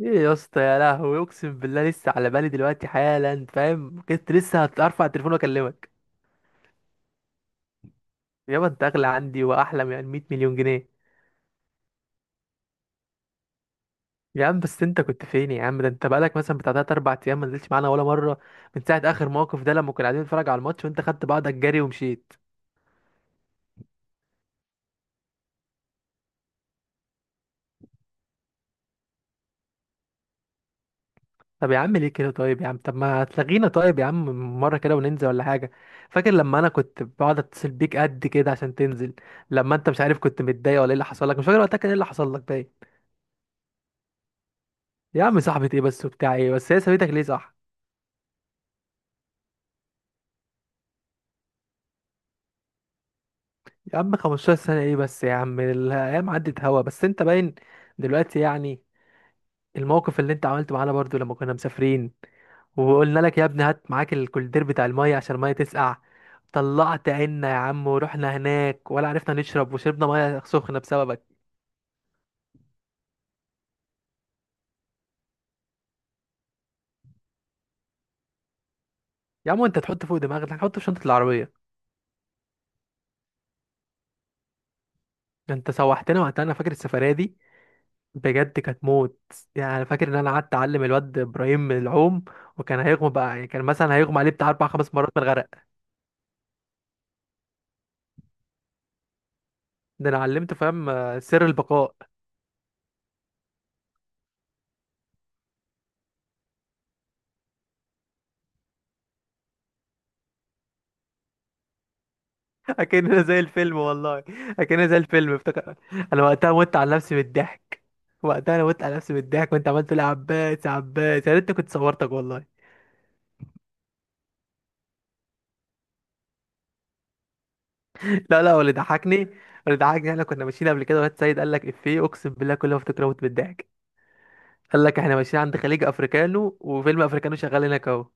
ايه يا اسطى، يا لهوي اقسم بالله لسه على بالي دلوقتي حالا، فاهم؟ كنت لسه هترفع التليفون واكلمك. يابا انت اغلى عندي واحلى من 100 مليون جنيه. يا عم بس انت كنت فين يا عم؟ ده انت بقالك مثلا بتاع تلات اربع ايام ما نزلتش معانا ولا مره، من ساعه اخر موقف ده لما كنا قاعدين نتفرج على الماتش وانت خدت بعضك جري ومشيت. طب يا عم ليه كده؟ طيب يا عم، طب ما تلغينا طيب يا عم مره كده وننزل ولا حاجه. فاكر لما انا كنت بقعد اتصل بيك قد كده عشان تنزل؟ لما انت مش عارف كنت متضايق ولا ايه اللي حصل لك، مش فاكر وقتها كان ايه اللي حصل لك؟ يا عم صاحبة ايه بس وبتاع ايه بس، هي سابتك ليه صح؟ يا عم 15 سنة ايه بس يا عم؟ الايام عدت هوا بس انت باين دلوقتي يعني. الموقف اللي انت عملته معانا برضو لما كنا مسافرين، وقلنا لك يا ابني هات معاك الكولدير بتاع المية عشان المية تسقع، طلعت عنا يا عم ورحنا هناك ولا عرفنا نشرب، وشربنا مية سخنة بسببك. يا عم انت تحط فوق دماغك، هنحطه في شنطة العربية. انت سوحتنا وقتها، انا فاكر السفرية دي، بجد كانت موت. يعني انا فاكر ان انا قعدت اعلم الواد ابراهيم العوم، وكان هيغمى بقى، يعني كان مثلا هيغمى عليه بتاع اربع خمس مرات من الغرق. ده انا علمته فاهم آه، سر البقاء. اكننا زي الفيلم والله. اكننا زي الفيلم افتكر. انا وقتها مت على نفسي من الضحك. وقتها انا مت على نفسي من الضحك وانت عملت لي يا عباس يا عباس، يا ريتني كنت صورتك والله. لا لا، واللي ضحكني، اللي ضحكني احنا كنا ماشيين قبل كده، واد سيد قال لك افيه اقسم بالله كل ما افتكر اموت من الضحك. قال لك احنا ماشيين عند خليج افريكانو وفيلم افريكانو شغال هناك اهو.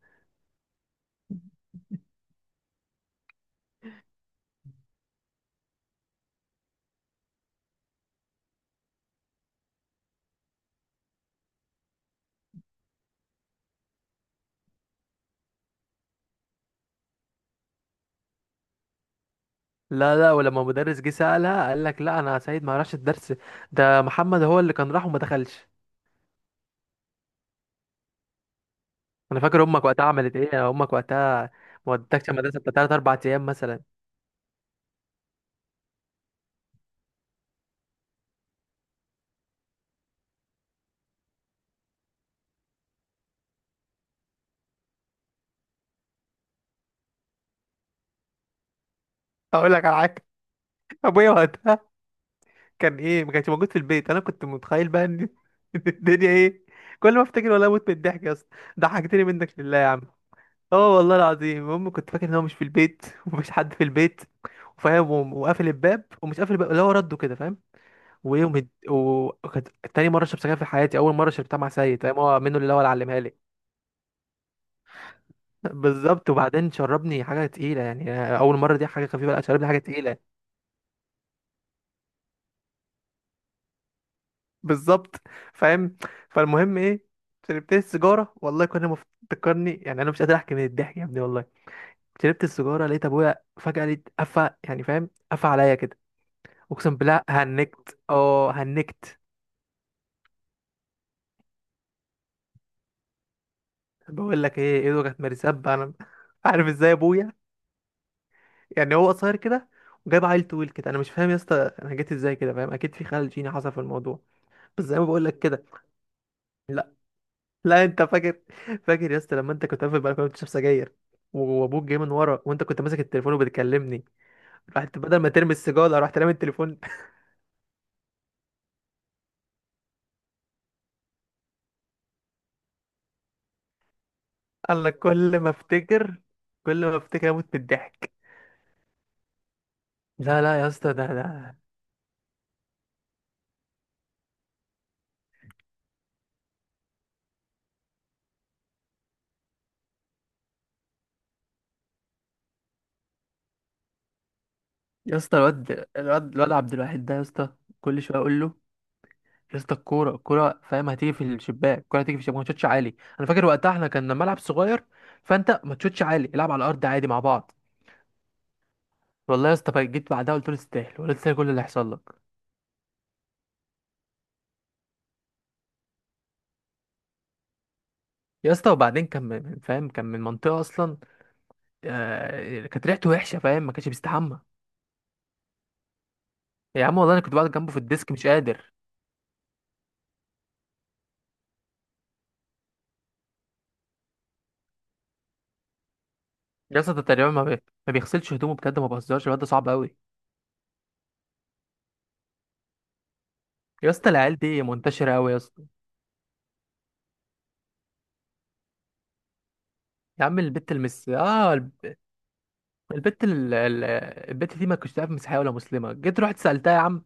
لا لا، ولما مدرس جه سألها قال لك لا انا يا سعيد ما راحش الدرس، ده محمد هو اللي كان راح وما دخلش. انا فاكر امك وقتها عملت ايه، امك وقتها ما ودتكش المدرسه بتاع تلات اربع ايام مثلا. اقول لك على حاجه، ابويا وقتها كان ايه، ما كانش موجود في البيت، انا كنت متخيل بقى ان، إن الدنيا ايه. كل ما افتكر والله اموت من الضحك يا اسطى، ضحكتني منك لله يا عم. اه والله العظيم، المهم كنت فاكر ان هو مش في البيت، ومفيش حد في البيت، وفاهم، وقافل الباب ومش قافل الباب، اللي هو رده كده فاهم. وكانت تاني مرة شربت سجاير في حياتي. أول مرة شربتها مع سيد فاهم، هو منه اللي هو اللي علمها لي. بالظبط، وبعدين شربني حاجة تقيلة يعني. أول مرة دي حاجة خفيفة، لا شربني حاجة تقيلة. بالظبط فاهم. فالمهم إيه، شربت السيجارة والله تفكرني يعني، أنا مش قادر أحكي من الضحك يا ابني والله. شربت السيجارة لقيت أبويا فجأة، لقيت قفا يعني فاهم، قفا عليا كده. أقسم بالله هنكت أه هنكت. بقول لك إيه، إيده كانت مرسبة أنا، عارف إزاي أبويا، يعني هو قصير كده وجاب عيل طويل كده، انا مش فاهم يا اسطى. انا جيت ازاي كده فاهم، اكيد في خلل جيني حصل في الموضوع. بس زي ما بقول لك كده. لا لا، انت فاكر، فاكر يا اسطى لما انت كنت قافل البلكونه بتشرب سجاير، وابوك جاي من ورا وانت كنت ماسك التليفون وبتكلمني، رحت بدل ما ترمي السيجاره رحت رامي التليفون. انا كل ما افتكر، كل ما افتكر اموت من الضحك. لا لا يا اسطى، ده يا اسطى، الواد عبد الواحد ده يا اسطى، كل شويه اقول له يا اسطى الكوره الكوره فاهم، هتيجي في الشباك، الكوره هتيجي في الشباك ما تشوتش عالي. انا فاكر وقتها احنا كان ملعب صغير، فانت ما تشوتش عالي، العب على الارض عادي مع بعض. والله يا اسطى بقى جيت بعدها قلت له تستاهل، ولا تستاهل كل اللي هيحصل لك. يا اسطى وبعدين كان فاهم، كان من منطقه اصلا، آه كانت ريحته وحشه فاهم، ما كانش بيستحمى. يا عم والله انا كنت بقعد جنبه في الديسك مش قادر. يا اسطى ده تقريبا ما بيغسلش هدومه بجد، ما بهزرش الواد ده صعب قوي. يا اسطى العيال دي منتشره قوي يا اسطى. يا عم البت المس اه، البت ال- ال- البت دي ما كنتش تعرف مسيحيه ولا مسلمه، جيت رحت سالتها يا عم،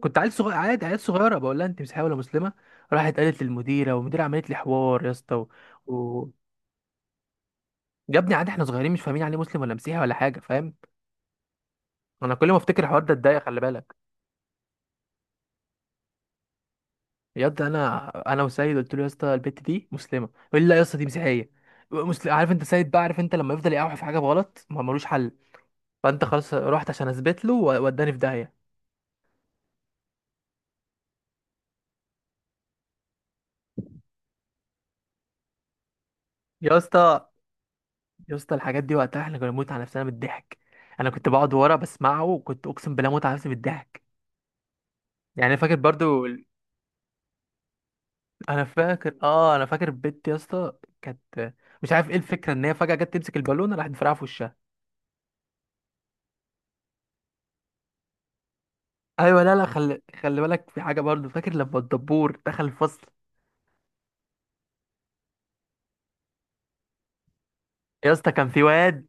كنت عيل صغير عادي، عيل صغيره بقول لها انت مسيحيه ولا مسلمه؟ راحت قالت للمديره، والمديره عملت لي حوار يا اسطى و... يا ابني عادي احنا صغيرين مش فاهمين عليه مسلم ولا مسيحي ولا حاجه فاهم. انا كل ما افتكر الحوار ده اتضايق، خلي بالك. يا اسطى انا وسيد قلت له يا اسطى البت دي مسلمه، يقول لي لا يا اسطى دي مسيحيه. مسلم، عارف انت سيد بقى، عارف انت لما يفضل يقاوح في حاجه بغلط ما ملوش حل. فانت خلاص رحت عشان اثبت له ووداني في داهيه. يا اسطى، يا اسطى الحاجات دي وقتها احنا كنا بنموت على نفسنا بالضحك. انا كنت بقعد ورا بسمعه وكنت اقسم بالله موت على نفسي بالضحك. يعني انا فاكر برضو انا فاكر اه، انا فاكر بنت يا اسطى كانت، مش عارف ايه الفكره، ان هي فجاه جت تمسك البالونه راحت مفرقعه في وشها. ايوه. لا لا، خلي بالك في حاجه برضو، فاكر لما الدبور دخل الفصل؟ يا اسطى كان في واد،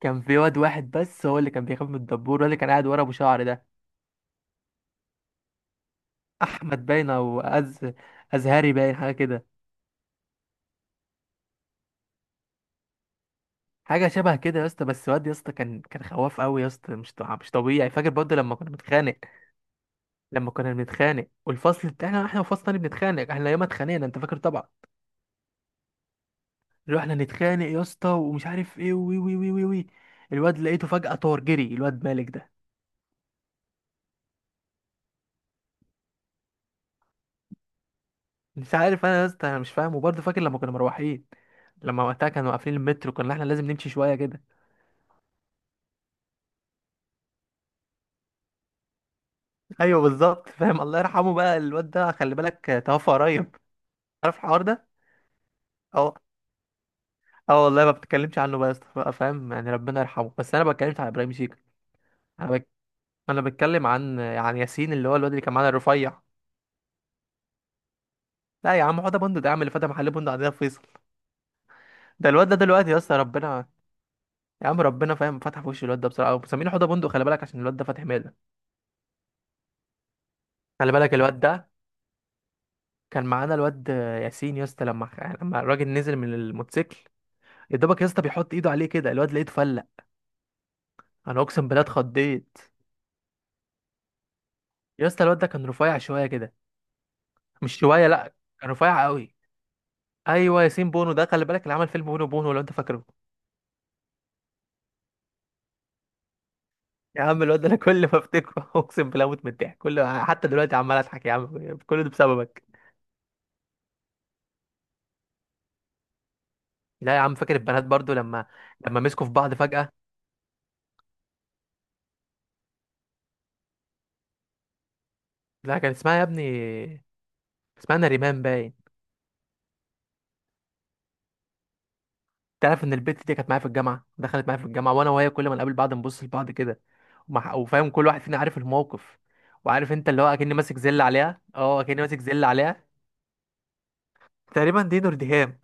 كان في واد واحد بس هو اللي كان بيخاف من الدبور، هو اللي كان قاعد ورا ابو شعر ده. احمد باين او أز، ازهري باين حاجه كده، حاجه شبه كده يا اسطى. بس واد يا اسطى كان كان خواف قوي يا اسطى، مش طبيعي. فاكر برضه لما كنا بنتخانق، لما كنا بنتخانق والفصل بتاعنا احنا وفصل تاني بنتخانق، احنا ياما اتخانقنا انت فاكر طبعا. رحنا نتخانق يا اسطى ومش عارف ايه، وي وي وي وي وي، الواد لقيته فجأة طار جري الواد مالك ده. مش عارف انا يا اسطى، انا مش فاهم. وبرضه فاكر لما كنا مروحين، لما وقتها كانوا قافلين المترو كنا احنا لازم نمشي شويه كده. ايوه بالظبط فاهم، الله يرحمه بقى الواد ده، خلي بالك توفى قريب، عارف الحوار ده؟ أه. اه والله ما بتكلمش عنه بقى يا اسطى بقى، فاهم يعني ربنا يرحمه، بس انا ما بتكلمش عن ابراهيم شيكا. انا بك... انا بتكلم عن ياسين، اللي هو الواد اللي كان معانا الرفيع. لا يا عم، حوده بندق ده يا عم اللي فتح محل بندق عندنا في فيصل. ده الواد ده دلوقتي يا اسطى ربنا، يا عم ربنا فاهم فتح في وش الواد ده بصراحه. مسمينه حوده بندق خلي بالك، عشان الواد ده فاتح ماله. خلي بالك الواد ده كان معانا الواد ياسين يا اسطى، لما لما الراجل نزل من الموتوسيكل، يا دوبك يا اسطى بيحط ايده عليه كده، الواد لقيته فلق. انا اقسم بالله اتخضيت. يا اسطى الواد ده كان رفيع شويه كده، مش شويه لا، كان رفيع قوي. ايوه ياسين بونو ده، خلي بالك اللي عمل فيلم بونو بونو لو انت فاكره. يا عم الواد ده انا كل ما افتكره اقسم بالله اموت من الضحك، كل حتى دلوقتي عمال اضحك يا عم، كل ده بسببك. لا يا عم، فاكر البنات برضو لما، لما مسكوا في بعض فجأة. لا كان اسمها يا ابني، اسمها نريمان باين. تعرف ان البت دي كانت معايا في الجامعة؟ دخلت معايا في الجامعة، وانا وهي كل ما نقابل بعض نبص لبعض كده، وفاهم كل واحد فينا عارف الموقف، وعارف انت اللي هو اكني ماسك زل عليها، اه اكني ماسك زل عليها. تقريبا دي نور دهام.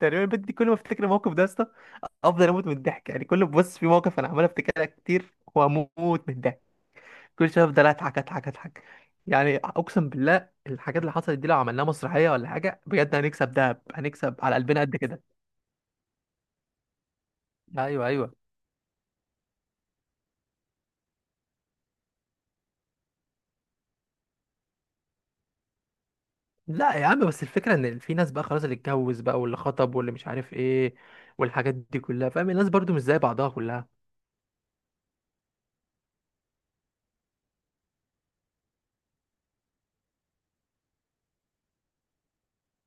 تقريبا البت دي كل ما افتكر الموقف ده افضل اموت من الضحك، يعني كل بص في موقف انا عمال افتكرها كتير واموت من الضحك، كل شويه افضل اضحك اضحك اضحك. يعني اقسم بالله الحاجات اللي حصلت دي لو عملناها مسرحيه ولا حاجه بجد هنكسب دهب، هنكسب على قلبنا قد كده. ايوه ايوه. لا يا عم، بس الفكره ان في ناس بقى خلاص، اللي اتجوز بقى واللي خطب واللي مش عارف ايه، والحاجات دي كلها فاهم، الناس برضو مش زي بعضها كلها.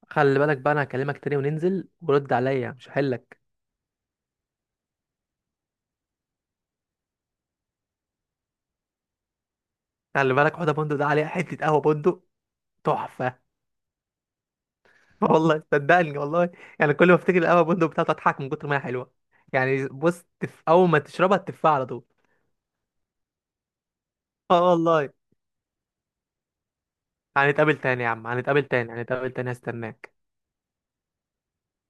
خلي بالك بقى، انا هكلمك تاني وننزل، ورد عليا مش هحلك. خلي بالك حوضه بندق ده، عليها حته قهوه بندق تحفه. والله صدقني والله. يعني كل ما افتكر القهوه بندق بتاعته اضحك من كتر ما هي حلوه، يعني بص اول ما تشربها تفها على طول. اه والله. هنتقابل تاني يا عم، هنتقابل تاني، هنتقابل تاني، هستناك.